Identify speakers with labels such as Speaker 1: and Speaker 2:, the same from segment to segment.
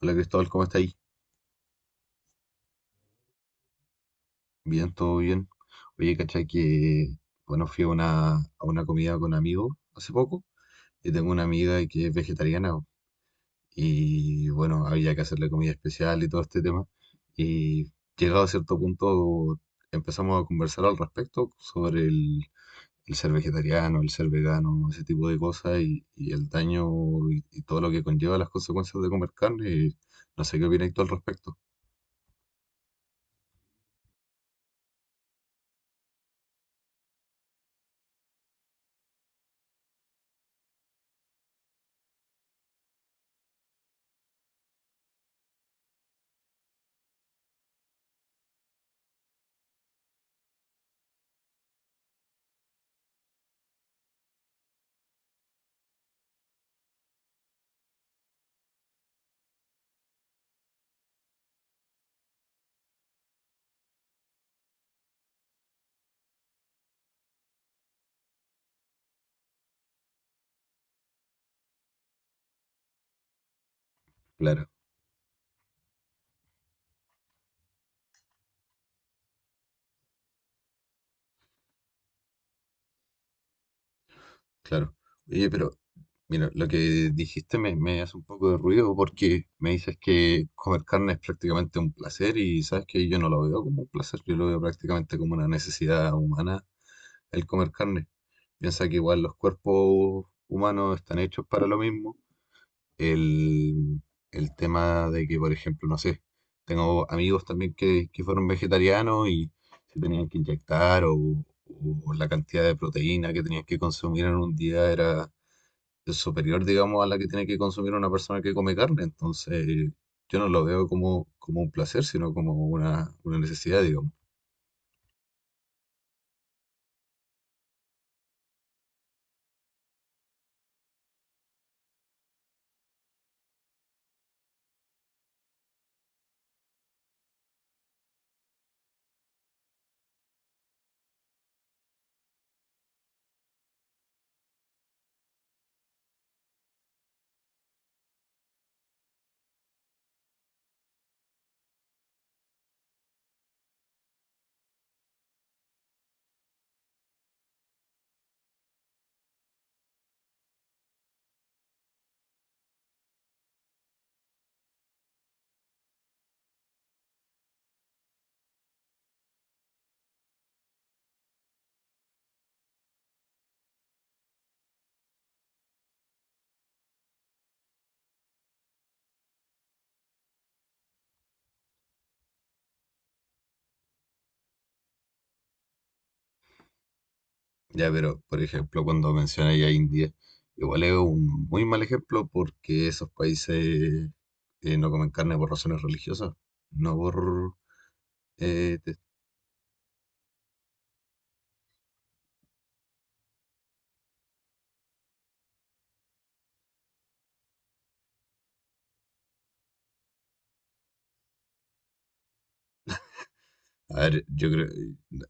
Speaker 1: Hola Cristóbal, ¿cómo estáis? Bien, todo bien. Oye, cachai que, bueno, fui a una comida con amigos hace poco y tengo una amiga que es vegetariana po, y, bueno, había que hacerle comida especial y todo este tema. Y llegado a cierto punto empezamos a conversar al respecto sobre el ser vegetariano, el ser vegano, ese tipo de cosas y el daño y todo lo que conlleva las consecuencias de comer carne. Y no sé qué opináis tú al respecto. Claro. Claro. Oye, pero mira, lo que me hace un poco de ruido porque me dices que comer carne es prácticamente un placer y sabes que yo no lo veo como un placer, yo lo veo prácticamente como una necesidad humana el comer carne. Piensa que igual los cuerpos humanos están hechos para lo mismo. El, el tema de que, por ejemplo, no sé, tengo amigos también que fueron vegetarianos y se tenían que inyectar o la cantidad de proteína que tenían que consumir en un día era es superior, digamos, a la que tiene que consumir una persona que come carne. Entonces, yo no lo veo como, como un placer, sino como una necesidad, digamos. Ya, pero, por ejemplo, cuando mencioné a India, igual es un muy mal ejemplo porque esos países no comen carne por razones religiosas, no por... eh, te- a ver,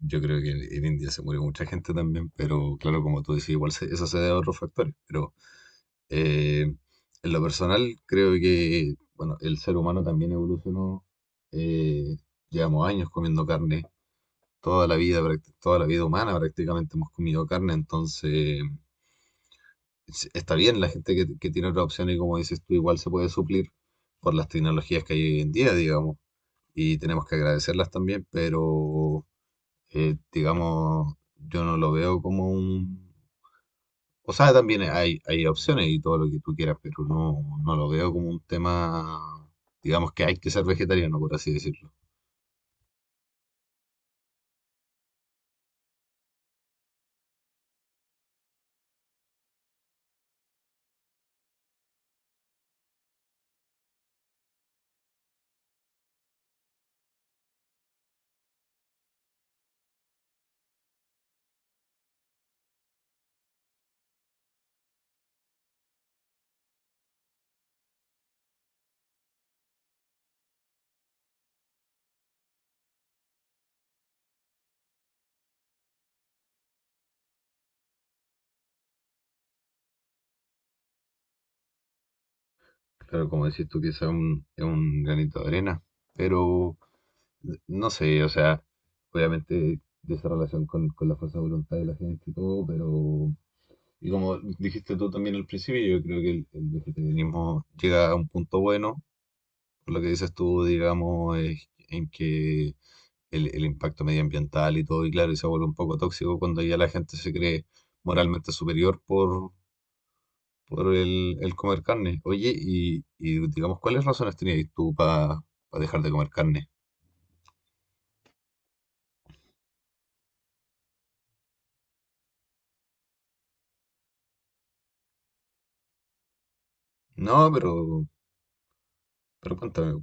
Speaker 1: yo creo que en India se murió mucha gente también, pero claro, como tú decís, igual se- eso se debe a otros factores, pero Eh, en lo personal, creo que, bueno, el ser humano también evolucionó. eh, Llevamos años comiendo carne, toda la vida, práct- toda la vida humana prácticamente hemos comido carne, entonces es- está bien la gente que tiene otra opción y como dices tú, igual se puede suplir por las tecnologías que hay hoy en día, digamos, y tenemos que agradecerlas también, pero, digamos, yo no lo veo como un... O sea, también hay opciones y todo lo que tú quieras, pero no, no lo veo como un tema, digamos que hay que ser vegetariano, por así decirlo. Claro, como decís tú, quizá un, es un granito de arena, pero no sé, o sea, obviamente de esa relación con la fuerza de voluntad de la gente y todo, pero... Y como dijiste tú también al principio, yo creo que el vegetarianismo llega a un punto bueno, por lo que dices tú, digamos, es en que el impacto medioambiental y todo, y claro, y se vuelve un poco tóxico cuando ya la gente se cree moralmente superior por el comer carne. Oye, y digamos, ¿cuáles razones tenías tú para dejar de comer carne? No, pero cuéntame,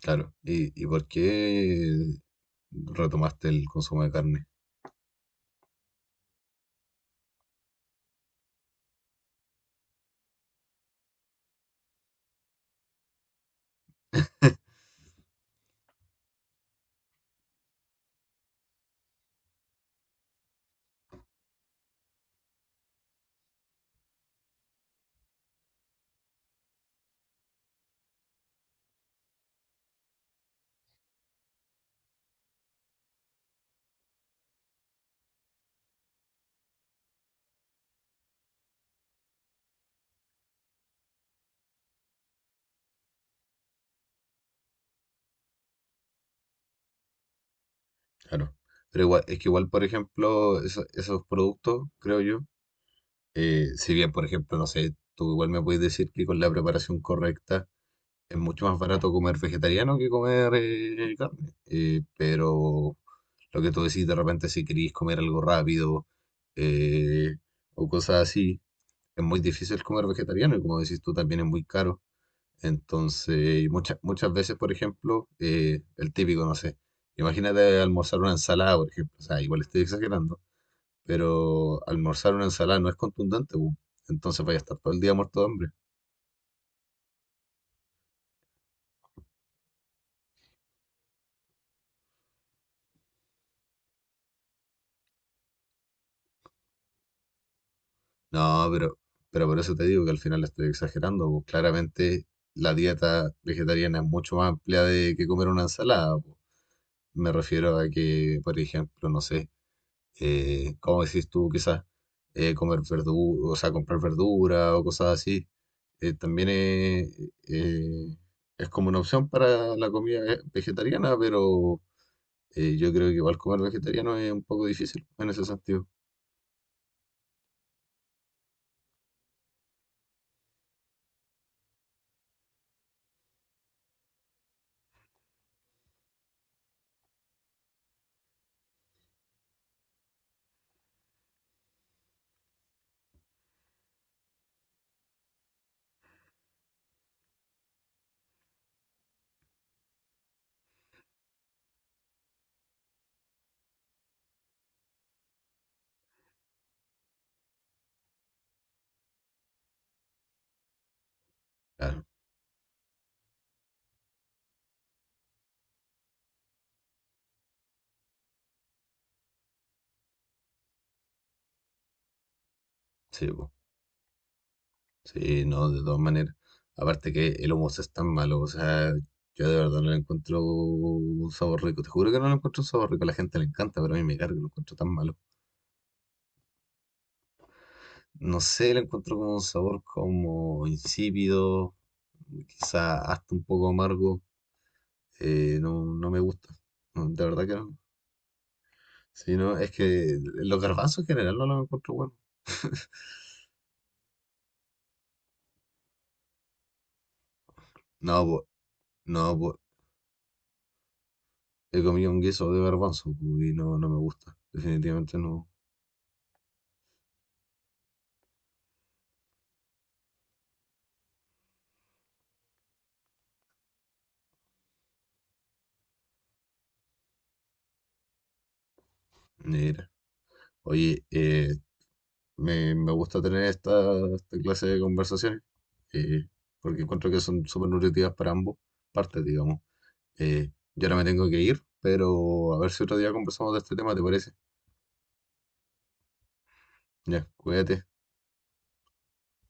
Speaker 1: claro, y por qué retomaste el consumo de carne? Claro. Pero igual, es que igual, por ejemplo, eso- esos productos, creo yo, si bien, por ejemplo, no sé, tú igual me puedes decir que con la preparación correcta es mucho más barato comer vegetariano que comer carne. Pero lo que tú decís de repente, si querís comer algo rápido eh, o cosas así, es muy difícil comer vegetariano y como decís tú, también es muy caro. Entonces, muchas, muchas veces, por ejemplo, el típico, no sé, imagínate almorzar una ensalada, por ejemplo, o sea, igual estoy exagerando, pero almorzar una ensalada no es contundente, bu. Entonces vaya a estar todo el día muerto de hambre. No, pero por eso te digo que al final la estoy exagerando, pues claramente la dieta vegetariana es mucho más amplia de que comer una ensalada. Pues. Me refiero a que, por ejemplo, no sé, ¿cómo decís tú? Quizás comer verdura, o sea, comprar verdura o cosas así, también eh, es como una opción para la comida ve- vegetariana, pero yo creo que igual comer vegetariano es un poco difícil en ese sentido. Claro, sí, pues. Sí, no, de todas maneras. Aparte que el hummus es tan malo, o sea, yo de verdad no le encuentro un sabor rico. Te juro que no le encuentro un sabor rico. A la gente le encanta, pero a mí me carga, lo encuentro tan malo. No sé, le encuentro como un sabor como insípido, quizá hasta un poco amargo. No, no me gusta. No, de verdad que no. Sí, no, es que los garbanzos en general no los encuentro buenos. No, po, no, po, he comido un guiso de garbanzo po, y no, no me gusta. Definitivamente no. Mira. Oye, me, me gusta tener esta, esta clase de conversaciones eh, porque encuentro que son súper nutritivas para ambos partes, digamos. Yo ahora me tengo que ir, pero a ver si otro día conversamos de este tema, ¿te parece? Ya, cuídate.